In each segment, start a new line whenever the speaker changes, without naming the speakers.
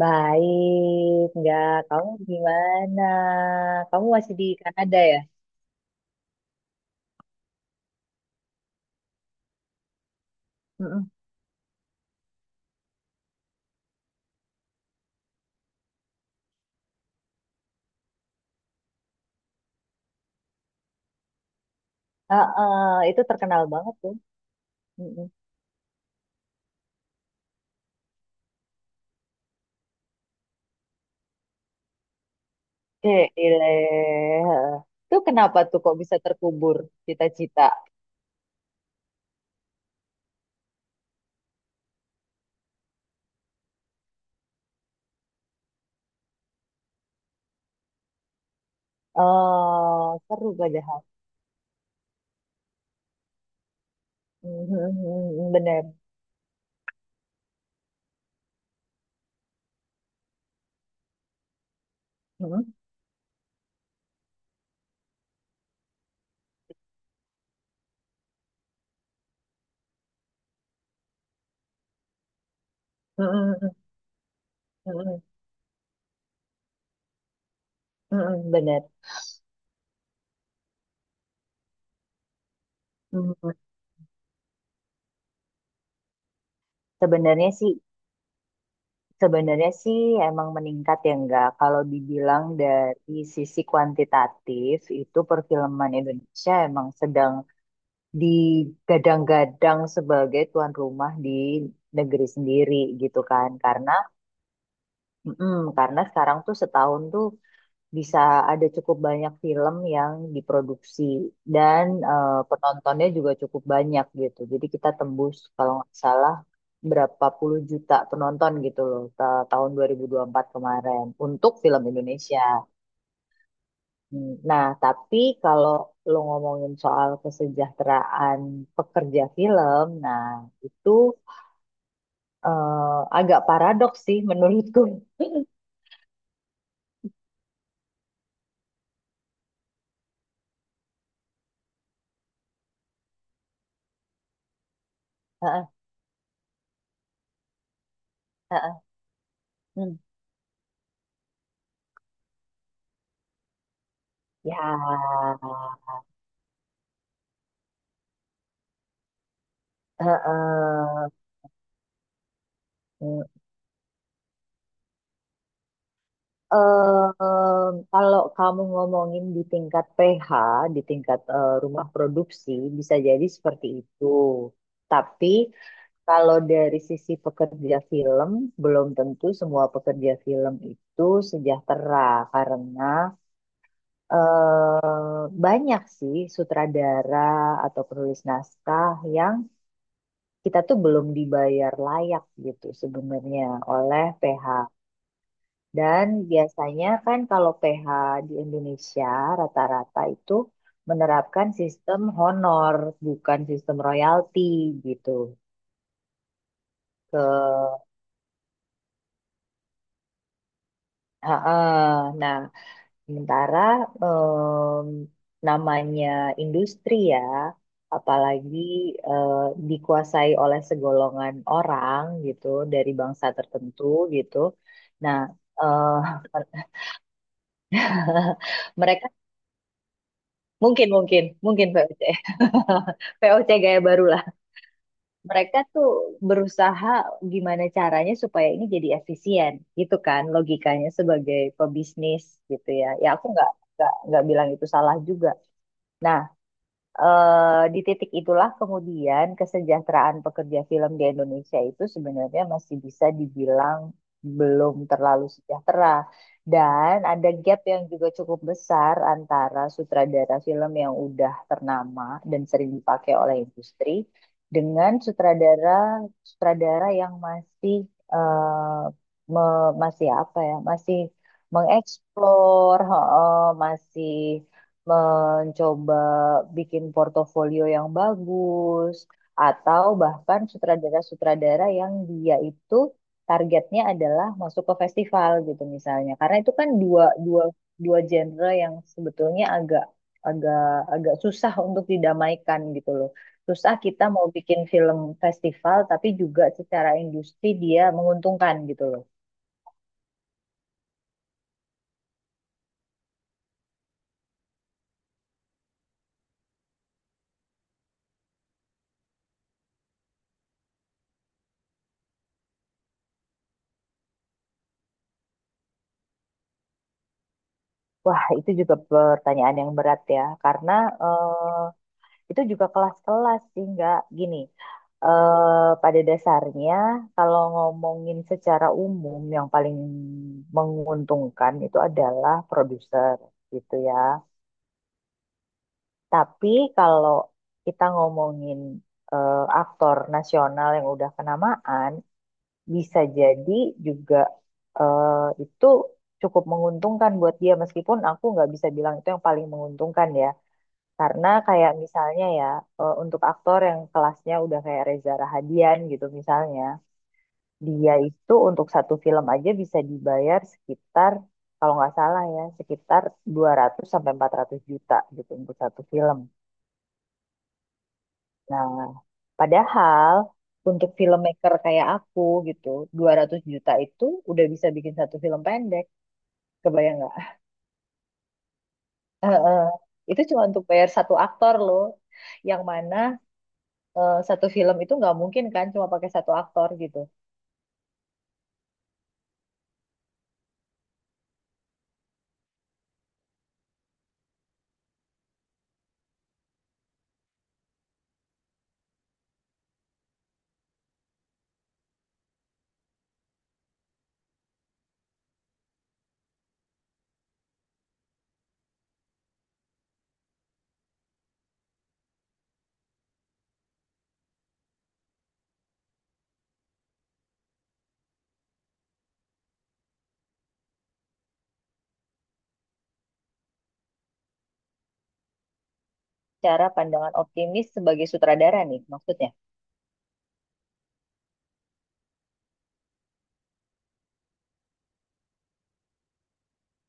Baik, enggak. Kamu gimana? Kamu masih di Kanada ya? Mm-mm. Ah, ah, itu terkenal banget tuh. Mm-mm. Gile. Itu kenapa tuh kok bisa terkubur cita-cita? Oh, seru padahal. Mhm, bener. Mhm, mhm, mhm, mhm, bener. Mhm. Sebenarnya sih Sebenarnya sih emang meningkat ya enggak. Kalau dibilang dari sisi kuantitatif itu perfilman Indonesia emang sedang digadang-gadang sebagai tuan rumah di negeri sendiri gitu kan. Karena sekarang tuh setahun tuh bisa ada cukup banyak film yang diproduksi dan penontonnya juga cukup banyak gitu. Jadi kita tembus kalau nggak salah berapa puluh juta penonton gitu loh tahun 2024 kemarin untuk film Indonesia. Hmm, nah, tapi kalau lo ngomongin soal kesejahteraan pekerja film, nah itu agak paradoks sih menurutku. Heeh, heeh. Hmm. Ya, heeh. Kalau kamu ngomongin di tingkat pH, di tingkat rumah produksi, bisa jadi seperti itu. Tapi kalau dari sisi pekerja film, belum tentu semua pekerja film itu sejahtera karena banyak sih sutradara atau penulis naskah yang kita tuh belum dibayar layak gitu sebenarnya oleh PH. Dan biasanya kan kalau PH di Indonesia rata-rata itu menerapkan sistem honor, bukan sistem royalti gitu. Ke Heeh. Nah, sementara em, namanya industri ya, apalagi eh, dikuasai oleh segolongan orang gitu dari bangsa tertentu gitu. Nah, eh, mereka mungkin mungkin mungkin Pak. VOC gaya baru lah. Mereka tuh berusaha gimana caranya supaya ini jadi efisien, gitu kan logikanya sebagai pebisnis gitu ya. Ya aku nggak bilang itu salah juga. Nah, di titik itulah kemudian kesejahteraan pekerja film di Indonesia itu sebenarnya masih bisa dibilang belum terlalu sejahtera. Dan ada gap yang juga cukup besar antara sutradara film yang udah ternama dan sering dipakai oleh industri dengan sutradara sutradara yang masih eh, masih apa ya, masih mengeksplor, heeh, masih mencoba bikin portofolio yang bagus, atau bahkan sutradara-sutradara yang dia itu targetnya adalah masuk ke festival gitu misalnya. Karena itu kan dua dua dua genre yang sebetulnya agak agak agak susah untuk didamaikan gitu loh. Susah kita mau bikin film festival tapi juga secara industri dia menguntungkan gitu loh. Wah, itu juga pertanyaan yang berat ya, karena eh, itu juga kelas-kelas sih, nggak gini. Pada dasarnya, kalau ngomongin secara umum, yang paling menguntungkan itu adalah produser, gitu ya. Tapi kalau kita ngomongin aktor nasional yang udah kenamaan, bisa jadi juga eh, itu cukup menguntungkan buat dia, meskipun aku nggak bisa bilang itu yang paling menguntungkan ya. Karena kayak misalnya ya, untuk aktor yang kelasnya udah kayak Reza Rahadian gitu misalnya, dia itu untuk satu film aja bisa dibayar sekitar, kalau nggak salah ya, sekitar 200 sampai 400 juta gitu untuk satu film. Nah, padahal untuk filmmaker kayak aku gitu, 200 juta itu udah bisa bikin satu film pendek. Kebayang nggak? Eh, eh. Itu cuma untuk bayar satu aktor loh yang mana satu film itu nggak mungkin kan cuma pakai satu aktor gitu. Cara pandangan optimis sebagai sutradara nih maksudnya.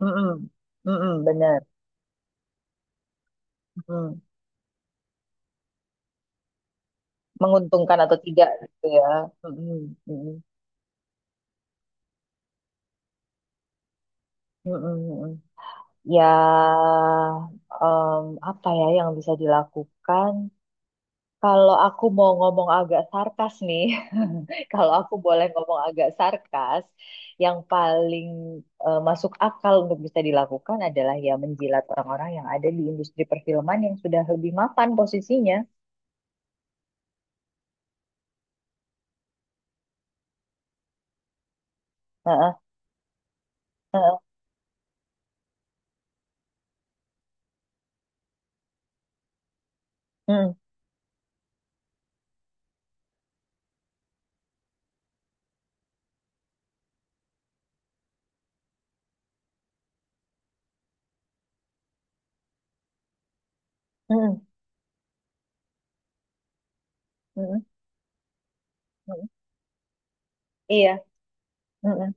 Mm-mm. Mm-mm, benar. Mm. Menguntungkan atau tidak gitu ya. Mm-mm. Mm-mm. Mm-mm. Mm-mm. Ya, em, apa ya yang bisa dilakukan? Kalau aku mau ngomong agak sarkas nih, kalau aku boleh ngomong agak sarkas, yang paling masuk akal untuk bisa dilakukan adalah ya menjilat orang-orang yang ada di industri perfilman yang sudah lebih mapan posisinya. Heeh, heeh, mm, mm, mm, mm. Iya. Mm,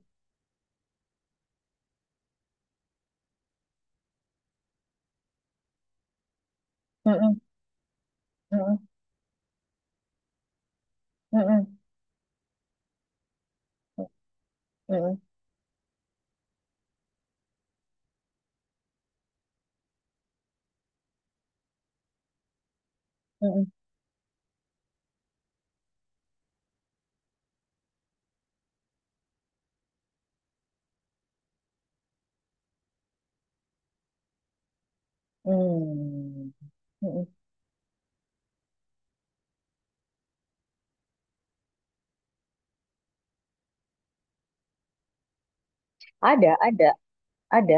mm, mm, mm, mm, mm, mm, mm, mm, mm. Hmm, mm, mm. Ada, ada.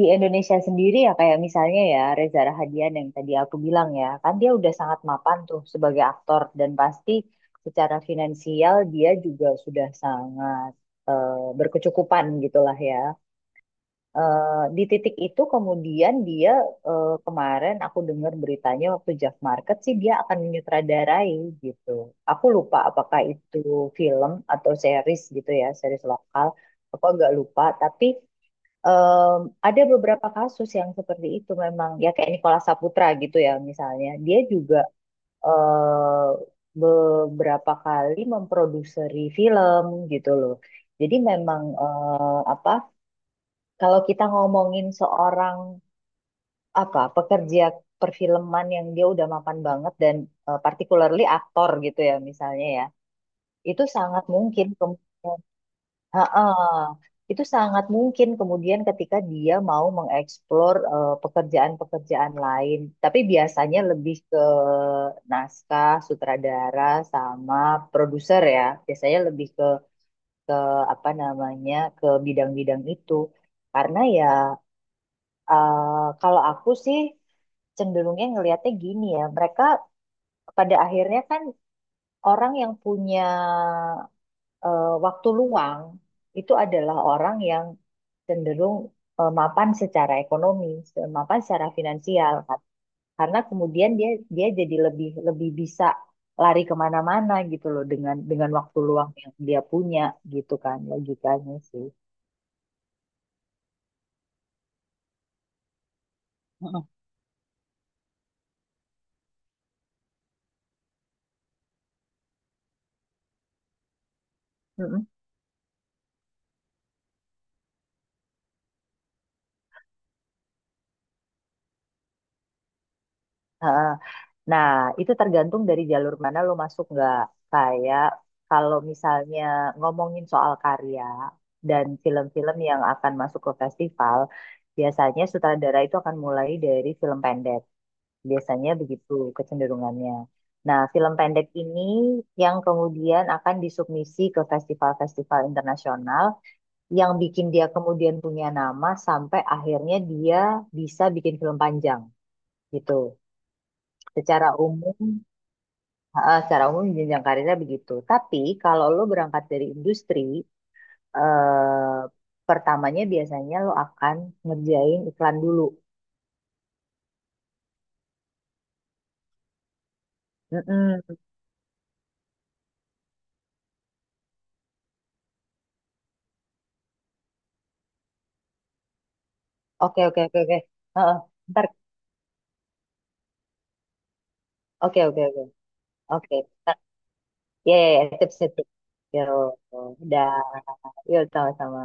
Di Indonesia sendiri ya kayak misalnya ya Reza Rahadian yang tadi aku bilang ya kan dia udah sangat mapan tuh sebagai aktor dan pasti secara finansial dia juga sudah sangat berkecukupan gitulah ya. Eh, di titik itu kemudian dia kemarin aku dengar beritanya waktu Jack Market sih dia akan menyutradarai gitu. Aku lupa apakah itu film atau series gitu ya, series lokal. Aku agak lupa tapi Em, ada beberapa kasus yang seperti itu memang ya kayak Nikola Saputra gitu ya misalnya dia juga eh, beberapa kali memproduseri film gitu loh jadi memang apa kalau kita ngomongin seorang apa pekerja perfilman yang dia udah mapan banget dan particularly aktor gitu ya misalnya ya itu sangat mungkin kemungkinan Ha-ah. Itu sangat mungkin kemudian ketika dia mau mengeksplor pekerjaan-pekerjaan lain, tapi biasanya lebih ke naskah, sutradara, sama produser ya. Biasanya lebih ke apa namanya ke bidang-bidang itu. Karena ya eh, kalau aku sih cenderungnya ngelihatnya gini ya, mereka pada akhirnya kan orang yang punya waktu luang itu adalah orang yang cenderung mapan secara ekonomi, mapan secara finansial kan. Karena kemudian dia dia jadi lebih lebih bisa lari kemana-mana gitu loh dengan waktu luang yang dia punya gitu kan logikanya sih. Mm-mm. Mm-mm. Heeh. Nah, itu tergantung dari jalur mana lo masuk nggak. Kayak kalau misalnya ngomongin soal karya dan film-film yang akan masuk ke festival, biasanya sutradara itu akan mulai dari film pendek. Biasanya begitu kecenderungannya. Nah, film pendek ini yang kemudian akan disubmisi ke festival-festival internasional yang bikin dia kemudian punya nama sampai akhirnya dia bisa bikin film panjang gitu. Secara umum, secara umum jenjang karirnya begitu. Tapi kalau lo berangkat dari industri, eh, pertamanya biasanya lo akan ngerjain iklan dulu. Mm-mm. Oke, oke, oke, oke. Heeh. Ntar, oke, oke, oke. Oke, ya, ya, ya, tips-tips. Yuk, udah. Yuk, sama-sama.